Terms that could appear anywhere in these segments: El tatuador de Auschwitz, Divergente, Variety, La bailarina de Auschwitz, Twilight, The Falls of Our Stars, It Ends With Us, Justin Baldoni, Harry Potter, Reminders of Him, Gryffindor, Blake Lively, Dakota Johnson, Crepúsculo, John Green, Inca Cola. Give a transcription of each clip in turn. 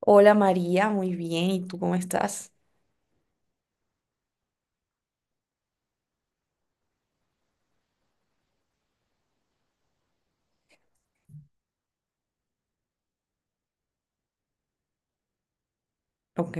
Hola María, muy bien. ¿Y tú cómo estás? Ok.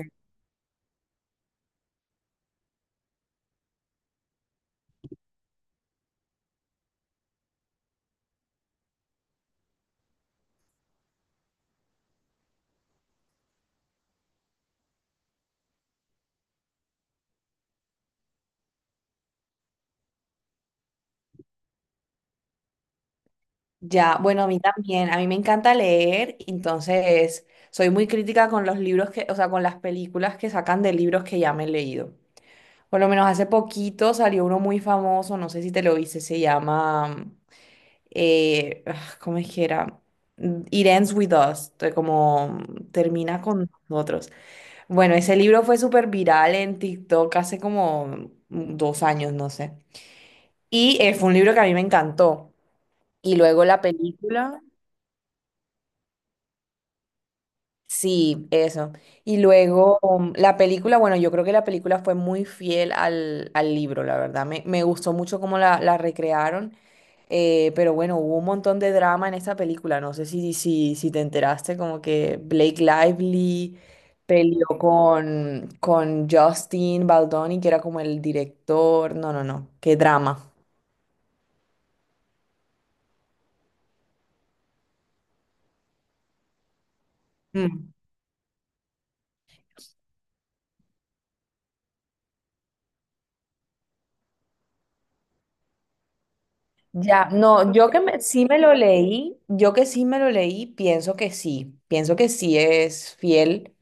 Ya, bueno, a mí también. A mí me encanta leer, entonces soy muy crítica con los libros que, o sea, con las películas que sacan de libros que ya me he leído. Por lo menos hace poquito salió uno muy famoso, no sé si te lo viste, se llama, ¿cómo es que era? It Ends With Us, como termina con nosotros. Bueno, ese libro fue súper viral en TikTok hace como dos años, no sé. Y fue un libro que a mí me encantó. Y luego la película, sí, eso. Y luego la película, bueno, yo creo que la película fue muy fiel al libro, la verdad. Me gustó mucho cómo la recrearon. Pero bueno, hubo un montón de drama en esta película. No sé si te enteraste, como que Blake Lively peleó con Justin Baldoni, que era como el director. No, no, no. Qué drama. Ya, no, sí me lo leí, yo que sí me lo leí, pienso que sí es fiel.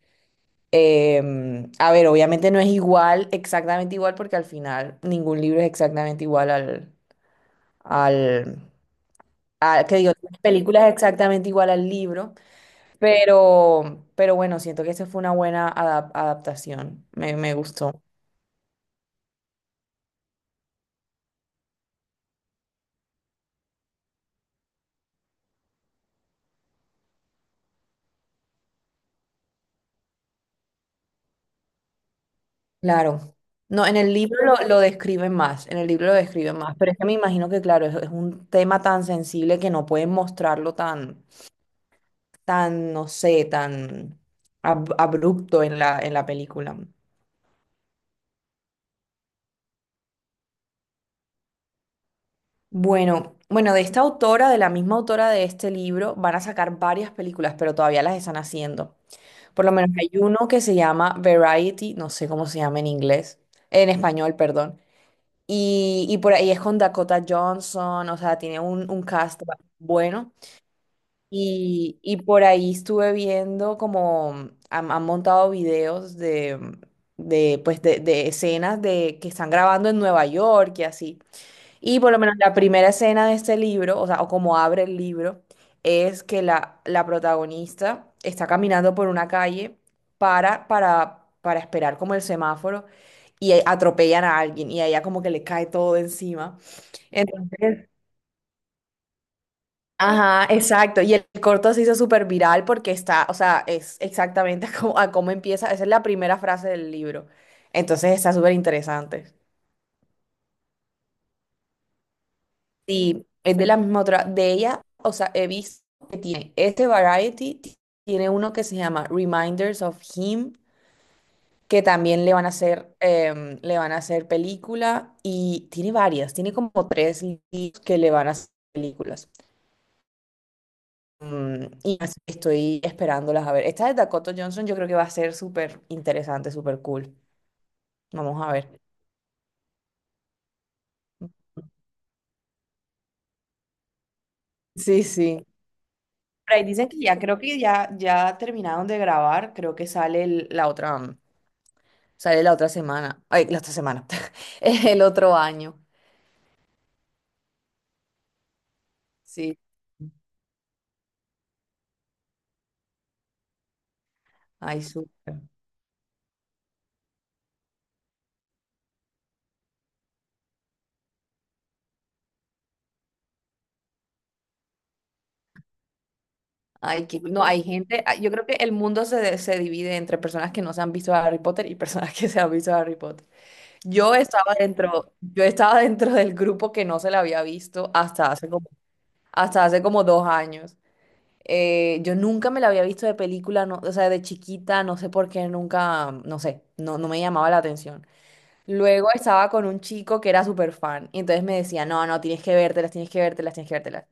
A ver, obviamente no es igual, exactamente igual, porque al final ningún libro es exactamente igual al, a- que digo, película es exactamente igual al libro, pero bueno, siento que esa fue una buena adaptación, me gustó. Claro. No, en el libro lo describen más, en el libro lo describen más, pero es que me imagino que, claro, es un tema tan sensible que no pueden mostrarlo tan, tan, no sé, tan abrupto en en la película. Bueno, bueno, de esta autora, de la misma autora de este libro, van a sacar varias películas, pero todavía las están haciendo. Por lo menos hay uno que se llama Variety, no sé cómo se llama en inglés, en español, perdón. Y por ahí es con Dakota Johnson, o sea, tiene un cast bueno. Y por ahí estuve viendo como han montado videos de, mm, de, pues de escenas de, que están grabando en Nueva York y así. Y por lo menos la primera escena de este libro, o sea, o como abre el libro, es que la protagonista está caminando por una calle para esperar como el semáforo y atropellan a alguien y a ella como que le cae todo encima. Entonces, ajá, exacto. Y el corto se hizo súper viral porque está, o sea, es exactamente como, a cómo empieza. Esa es la primera frase del libro. Entonces está súper interesante. Sí, es de la misma otra. De ella, o sea, he visto que tiene este variety, tiene uno que se llama Reminders of Him, que también le van a hacer, le van a hacer película y tiene varias, tiene como tres libros que le van a hacer películas. Y así que estoy esperándolas a ver. Esta de Dakota Johnson yo creo que va a ser súper interesante, súper cool. Vamos a ver. Sí, sí. Por ahí dicen que ya creo que ya, ya terminaron de grabar, creo que sale la otra. Sale la otra semana. Ay, la otra semana. El otro año. Sí. Ay, súper. Ay, que, no, hay gente. Ay, yo creo que el mundo se divide entre personas que no se han visto Harry Potter y personas que se han visto Harry Potter. Yo estaba dentro del grupo que no se la había visto hasta hace como dos años. Yo nunca me la había visto de película, no, o sea, de chiquita, no sé por qué, nunca, no sé, no, no me llamaba la atención. Luego estaba con un chico que era súper fan y entonces me decía, no, no, tienes que vértelas, tienes que vértelas, tienes que vértelas.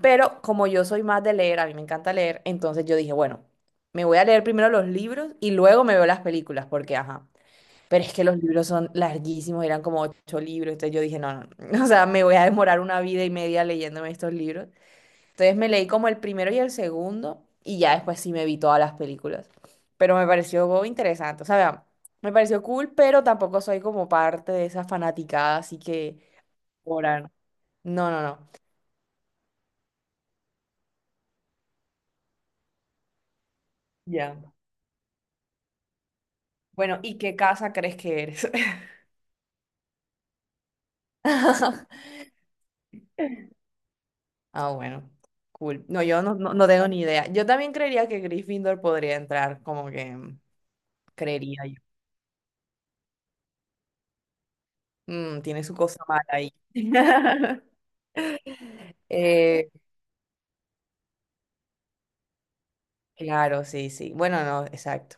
Pero como yo soy más de leer, a mí me encanta leer, entonces yo dije, bueno, me voy a leer primero los libros y luego me veo las películas, porque ajá. Pero es que los libros son larguísimos, eran como ocho libros, entonces yo dije, no, no, no". O sea, me voy a demorar una vida y media leyéndome estos libros. Entonces me leí como el primero y el segundo y ya después sí me vi todas las películas. Pero me pareció interesante. O sea, vea, me pareció cool, pero tampoco soy como parte de esa fanaticada, así que Coral, no, no, no. Ya. Bueno, ¿y qué casa crees que eres? Ah, bueno, cool. No, yo no, no, no tengo ni idea. Yo también creería que Gryffindor podría entrar, como que creería yo. Tiene su cosa mala ahí. Eh, claro, sí, sí. Bueno, no, exacto.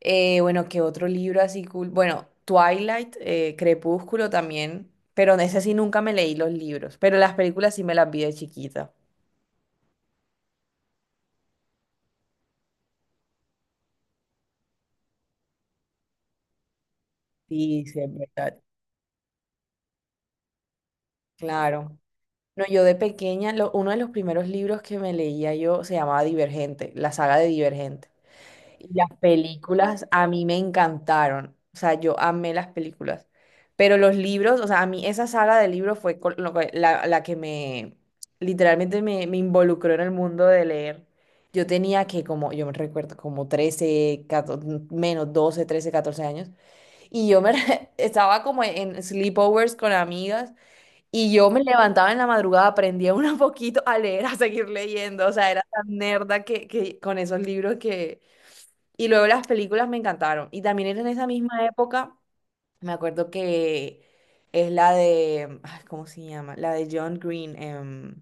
Bueno, ¿qué otro libro así cool? Bueno, Twilight, Crepúsculo también, pero en ese sí nunca me leí los libros, pero las películas sí me las vi de chiquita. Sí, sí, es verdad. Claro. No, yo de pequeña, uno de los primeros libros que me leía yo se llamaba Divergente, la saga de Divergente. Y las películas a mí me encantaron, o sea, yo amé las películas, pero los libros, o sea, a mí esa saga de libros fue col- lo que- la que me, literalmente me involucró en el mundo de leer. Yo tenía que, como, yo me recuerdo, como 13 14, menos 12 13 14 años, y yo estaba como en sleepovers con amigas, y yo me levantaba en la madrugada, aprendía un poquito a leer, a seguir leyendo, o sea, era tan nerda que con esos libros que y luego las películas me encantaron. Y también era en esa misma época, me acuerdo que es la de, ay, ¿cómo se llama? La de John Green, em,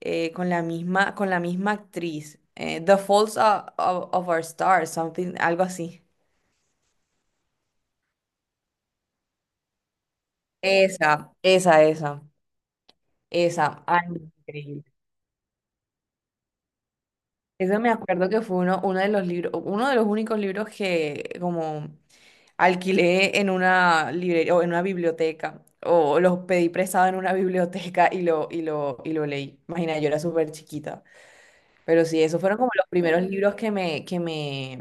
eh, con la misma actriz. The Falls of, of Our Stars, something, algo así. Esa, esa, esa, esa. Ay, increíble. Eso me acuerdo que fue uno, uno de los libros, uno de los únicos libros que como alquilé en una librería o en una biblioteca o los pedí prestado en una biblioteca y y lo leí. Imagina, yo era súper chiquita. Pero sí, esos fueron como los primeros libros que me,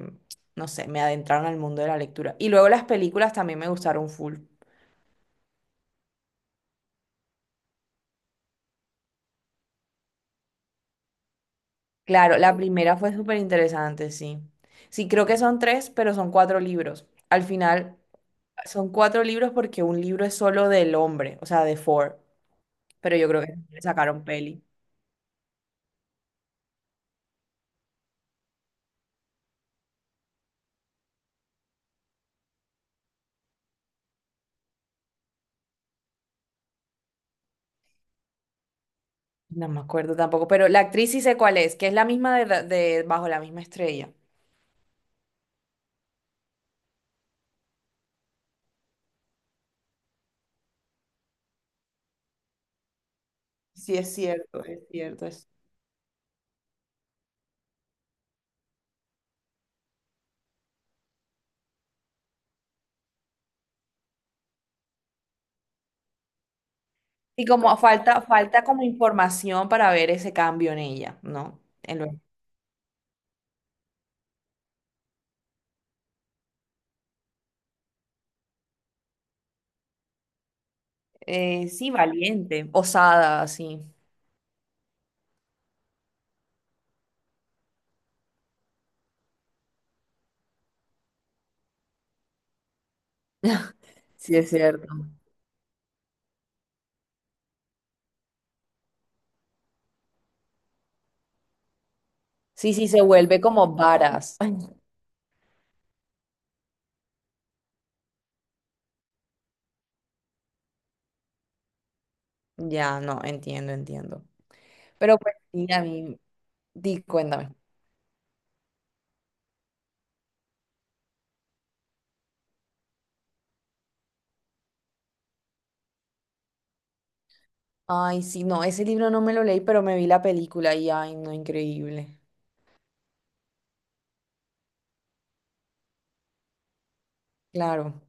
no sé, me adentraron al mundo de la lectura. Y luego las películas también me gustaron full. Claro, la primera fue súper interesante, sí. Sí, creo que son tres, pero son cuatro libros. Al final son cuatro libros porque un libro es solo del hombre, o sea, de Ford. Pero yo creo que le sacaron peli. No me acuerdo tampoco, pero la actriz sí sé cuál es, que es la misma de, de Bajo la misma estrella. Sí, es cierto, es cierto, es. Y como cierto, falta, falta como información para ver ese cambio en ella, ¿no? Sí, valiente, osada, así. Sí, es cierto. Sí, sí, se vuelve como varas. Ya, no, entiendo, entiendo. Pero pues sí, a mí, di, cuéntame. Ay, sí, no, ese libro no me lo leí, pero me vi la película y ay, no, increíble. Claro.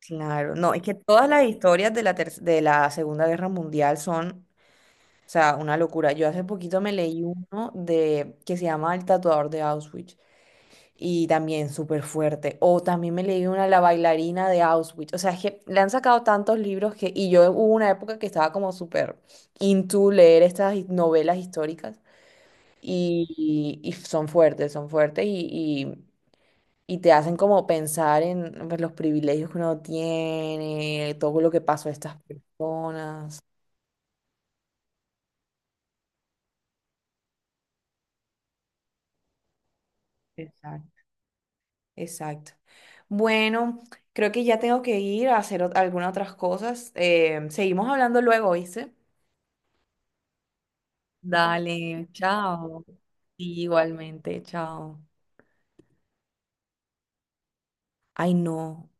Claro, no, es que todas las historias de de la Segunda Guerra Mundial son, o sea, una locura. Yo hace poquito me leí uno de que se llama El tatuador de Auschwitz y también súper fuerte. O también me leí una La bailarina de Auschwitz. O sea, es que le han sacado tantos libros que, y yo hubo una época que estaba como súper into leer estas novelas históricas y son fuertes y te hacen como pensar en pues, los privilegios que uno tiene, todo lo que pasó a estas personas. Exacto, exacto. Bueno, creo que ya tengo que ir a hacer algunas otras cosas. Seguimos hablando luego, ¿oíste? Dale, chao. Igualmente, chao. Ay, no.